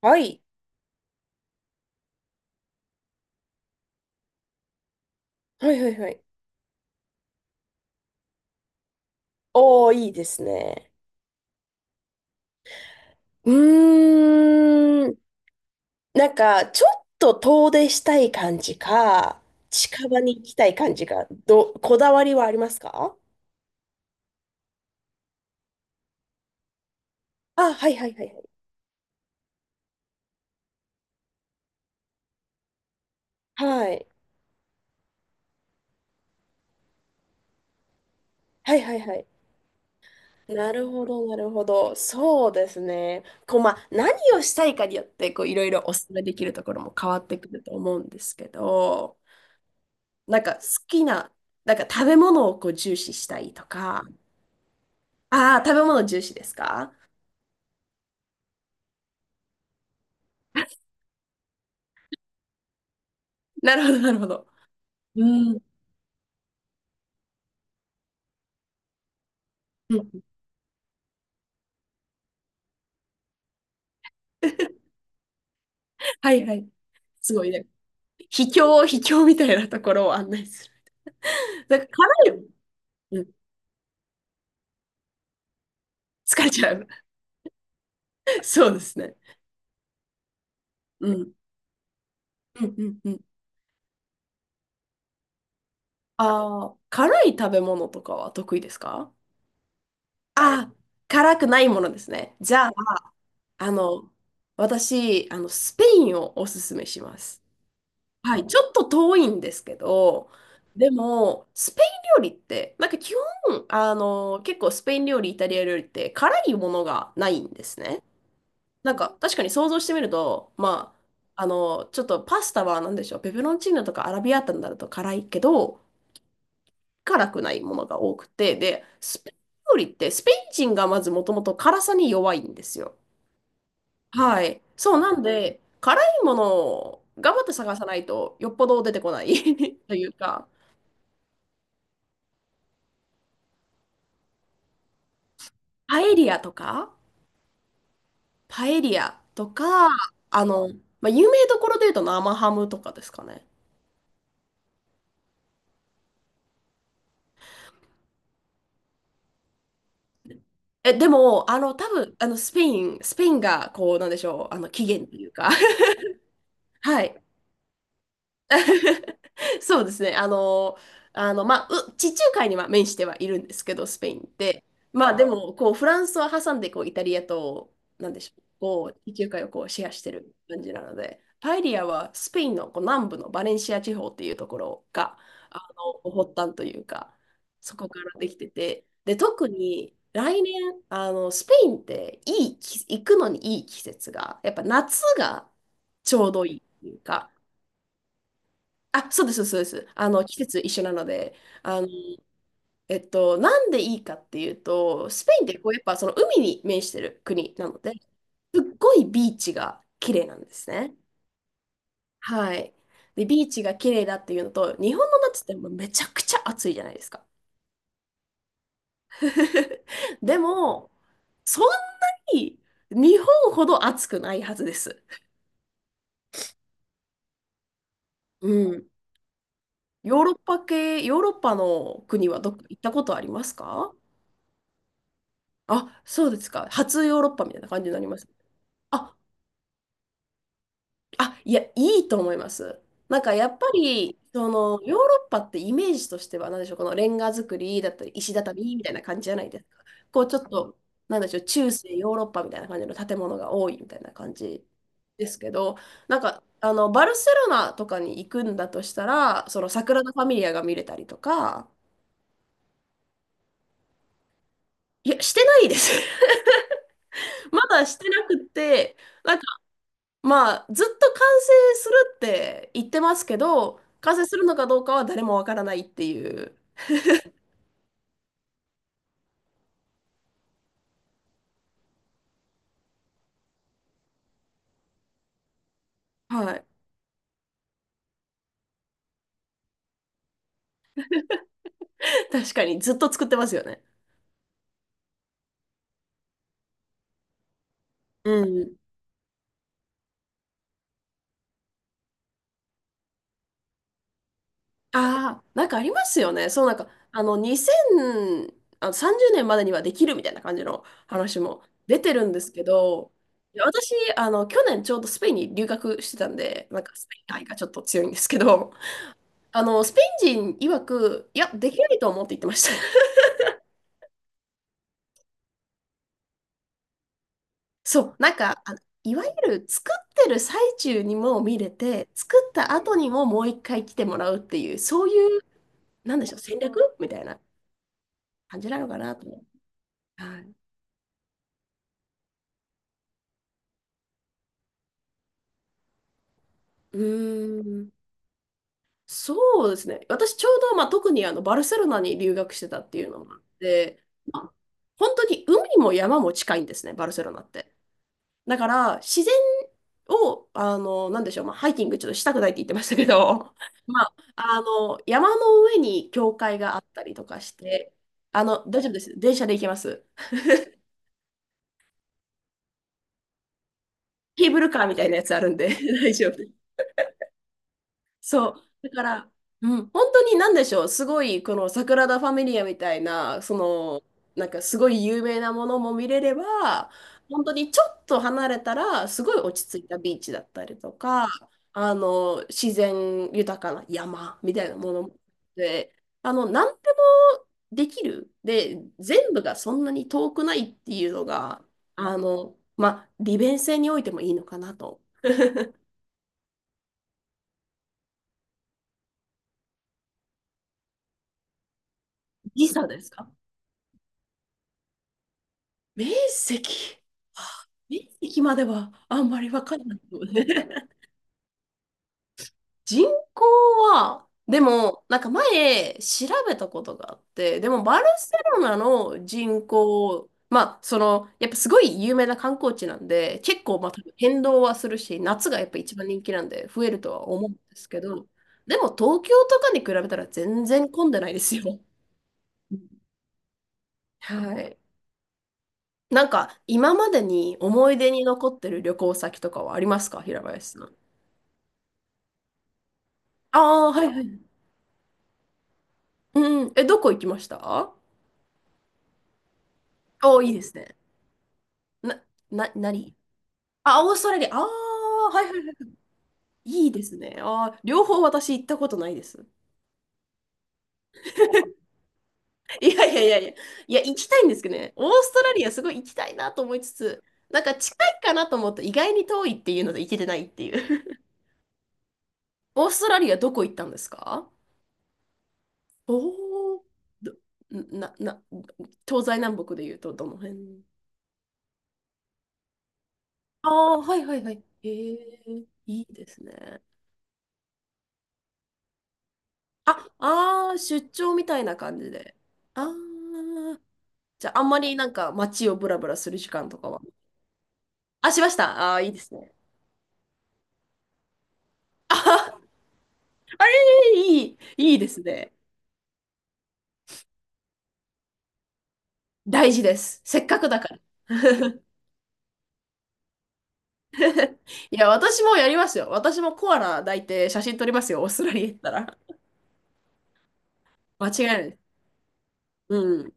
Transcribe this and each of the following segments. はい。はいはいはい。おー、いいですね。うーん。なんか、ちょっと遠出したい感じか、近場に行きたい感じか、こだわりはありますか？あ、はいはいはいはい。はい。はいはいはい。なるほど、なるほど。そうですね。こう、まあ、何をしたいかによって、こう、いろいろお勧めできるところも変わってくると思うんですけど、なんか、好きな、なんか、食べ物をこう重視したいとか、ああ、食べ物重視ですか？ なるほど、なるほど。うん。うん。はいはい。すごいね。秘境みたいなところを案内する。だから辛いよ。うん。疲れちゃう。そうですね。うん。うんうんうん。ああ、辛い食べ物とかは得意ですか？ああ、辛くないものですね。じゃあ、あの、私、スペインをおすすめします。はい、ちょっと遠いんですけど、でも、スペイン料理って、なんか基本、結構スペイン料理、イタリア料理って辛いものがないんですね。なんか、確かに想像してみると、まあ、ちょっとパスタは何でしょう、ペペロンチーノとかアラビアータになると辛いけど、辛くないものが多くて、で、スペイン料理って、スペイン人がまずもともと辛さに弱いんですよ。はい。そう、なんで、辛いものを頑張って探さないと、よっぽど出てこない というか、パエリアとか、パエリアとか、あの、まあ、有名どころで言うと生ハムとかですかね。え、でも、多分、スペインが、こう、なんでしょう、起源というか はい。そうですね。まあ、地中海には面してはいるんですけど、スペインって。まあ、でも、こう、フランスを挟んで、こう、イタリアと、なんでしょう、こう、地中海をこう、シェアしてる感じなので、パエリアはスペインのこう南部のバレンシア地方っていうところが、あ発端というか、そこからできてて、で、特に、来年、スペインって、いい季、行くのにいい季節が、やっぱ夏がちょうどいいっていうか、あ、そうです、そうです。あの、季節一緒なので、あの、なんでいいかっていうと、スペインってこう、やっぱその海に面してる国なので、すっごいビーチが綺麗なんですね。はい。で、ビーチが綺麗だっていうのと、日本の夏ってもうめちゃくちゃ暑いじゃないですか。でも、そんなに日本ほど暑くないはずです。うん。ヨーロッパ系、ヨーロッパの国はどっか行ったことありますか？あ、そうですか。初ヨーロッパみたいな感じになります。あ、いや、いいと思います。なんかやっぱり、その、ヨーロッパってイメージとしては、なんでしょう、このレンガ造りだったり、石畳みたいな感じじゃないですか。こう、ちょっと、なんでしょう、中世ヨーロッパみたいな感じの建物が多いみたいな感じですけど、なんか、バルセロナとかに行くんだとしたら、その、サグラダ・ファミリアが見れたりとか、いや、してないです。まだしてなくて、なんまあ、ずっと完成するって言ってますけど、完成するのかどうかは誰もわからないっていう。はい。確かに、ずっと作ってますよね。うん。ああ、なんかありますよね。そう、なんか、2030年までにはできるみたいな感じの話も出てるんですけど、いや私、去年ちょうどスペインに留学してたんで、なんかスペイン愛がちょっと強いんですけど、スペイン人曰く、いや、できないと思うって言ってました。そう、なんか、いわゆる作ってる最中にも見れて、作った後にももう一回来てもらうっていう、そういう、なんでしょう、戦略みたいな感じなのかなと思う。はい。うーん。そうですね。私ちょうど、まあ、特にあのバルセロナに留学してたっていうのもあって、本当に海も山も近いんですね、バルセロナって。だから、自然を、なんでしょう、まあ、ハイキングちょっとしたくないって言ってましたけど、まあ、山の上に教会があったりとかして、大丈夫です。電車で行けます。ケーブルカーみたいなやつあるんで、大丈夫です。そう。だから、うん、本当に何でしょう、すごい、このサグラダ・ファミリアみたいな、その、なんかすごい有名なものも見れれば、本当にちょっと離れたら、すごい落ち着いたビーチだったりとか、自然豊かな山みたいなものもで、何でもできる。で、全部がそんなに遠くないっていうのが、まあ、利便性においてもいいのかなと。時差ですか？面積、あ面積まではあんまりわかんないよね。人口は、でも、なんか前調べたことがあって、でもバルセロナの人口、まあ、その、やっぱすごい有名な観光地なんで、結構まあ多分変動はするし、夏がやっぱ一番人気なんで増えるとは思うんですけど、でも東京とかに比べたら全然混んでないですよ。はい。なんか、今までに思い出に残ってる旅行先とかはありますか、平林さん？ああ、はいはい。うん。え、どこ行きました？おーいいですね。な、何？あ、オーストラリア。ああ、はいはいはい。いいですね。ああ、両方私行ったことないです。いやいやいやいや、いや、行きたいんですけどね。オーストラリアすごい行きたいなと思いつつ、なんか近いかなと思って意外に遠いっていうので行けてないっていう。オーストラリアどこ行ったんですか？おお。どな、な、東西南北で言うとどの辺？ああ、はいはいはい。ええ。いいですね。あ、ああ出張みたいな感じで。ああ、じゃああんまりなんか街をブラブラする時間とかは。あ、しました。ああいいですね。ああいいですね。大事です。せっかくだから。いや、私もやりますよ。私もコアラ抱いて写真撮りますよ。オーストラリア行ったら。間違いない。うん。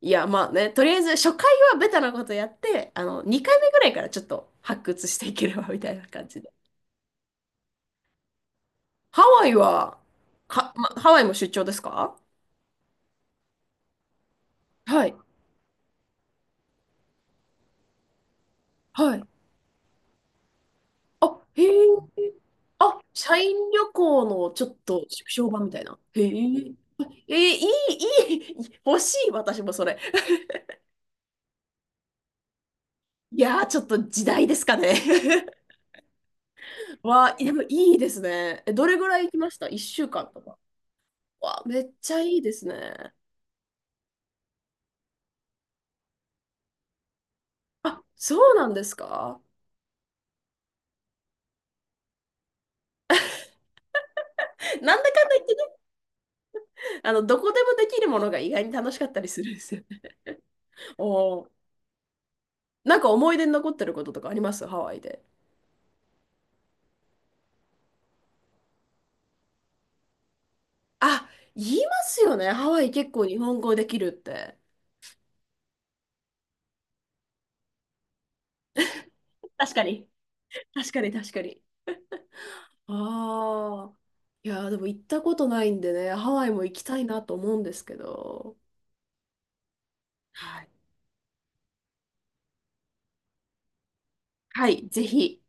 いや、まあね、とりあえず初回はベタなことやって、2回目ぐらいからちょっと発掘していければみたいな感じで。ハワイは、ハワイも出張ですか？はい、はい。あ、へえ、あ、社員旅行のちょっと縮小版みたいな。へえ、あえー、いい、欲しい、私もそれ。いやー、ちょっと時代ですかね。わあ、でもいいですね。え、どれぐらい行きました？ 1 週間とか。わあ、めっちゃいいですね。あ、そうなんですか？なんだかんだ言ってね、どこでもできるものが意外に楽しかったりするんですよね。おー、なんか思い出に残ってることとかありますハワイで？あ、言いますよね。ハワイ結構日本語できるって。確かに。確かに、確かに。ああ。いやー、でも行ったことないんでね、ハワイも行きたいなと思うんですけど。はい。はい、ぜひ。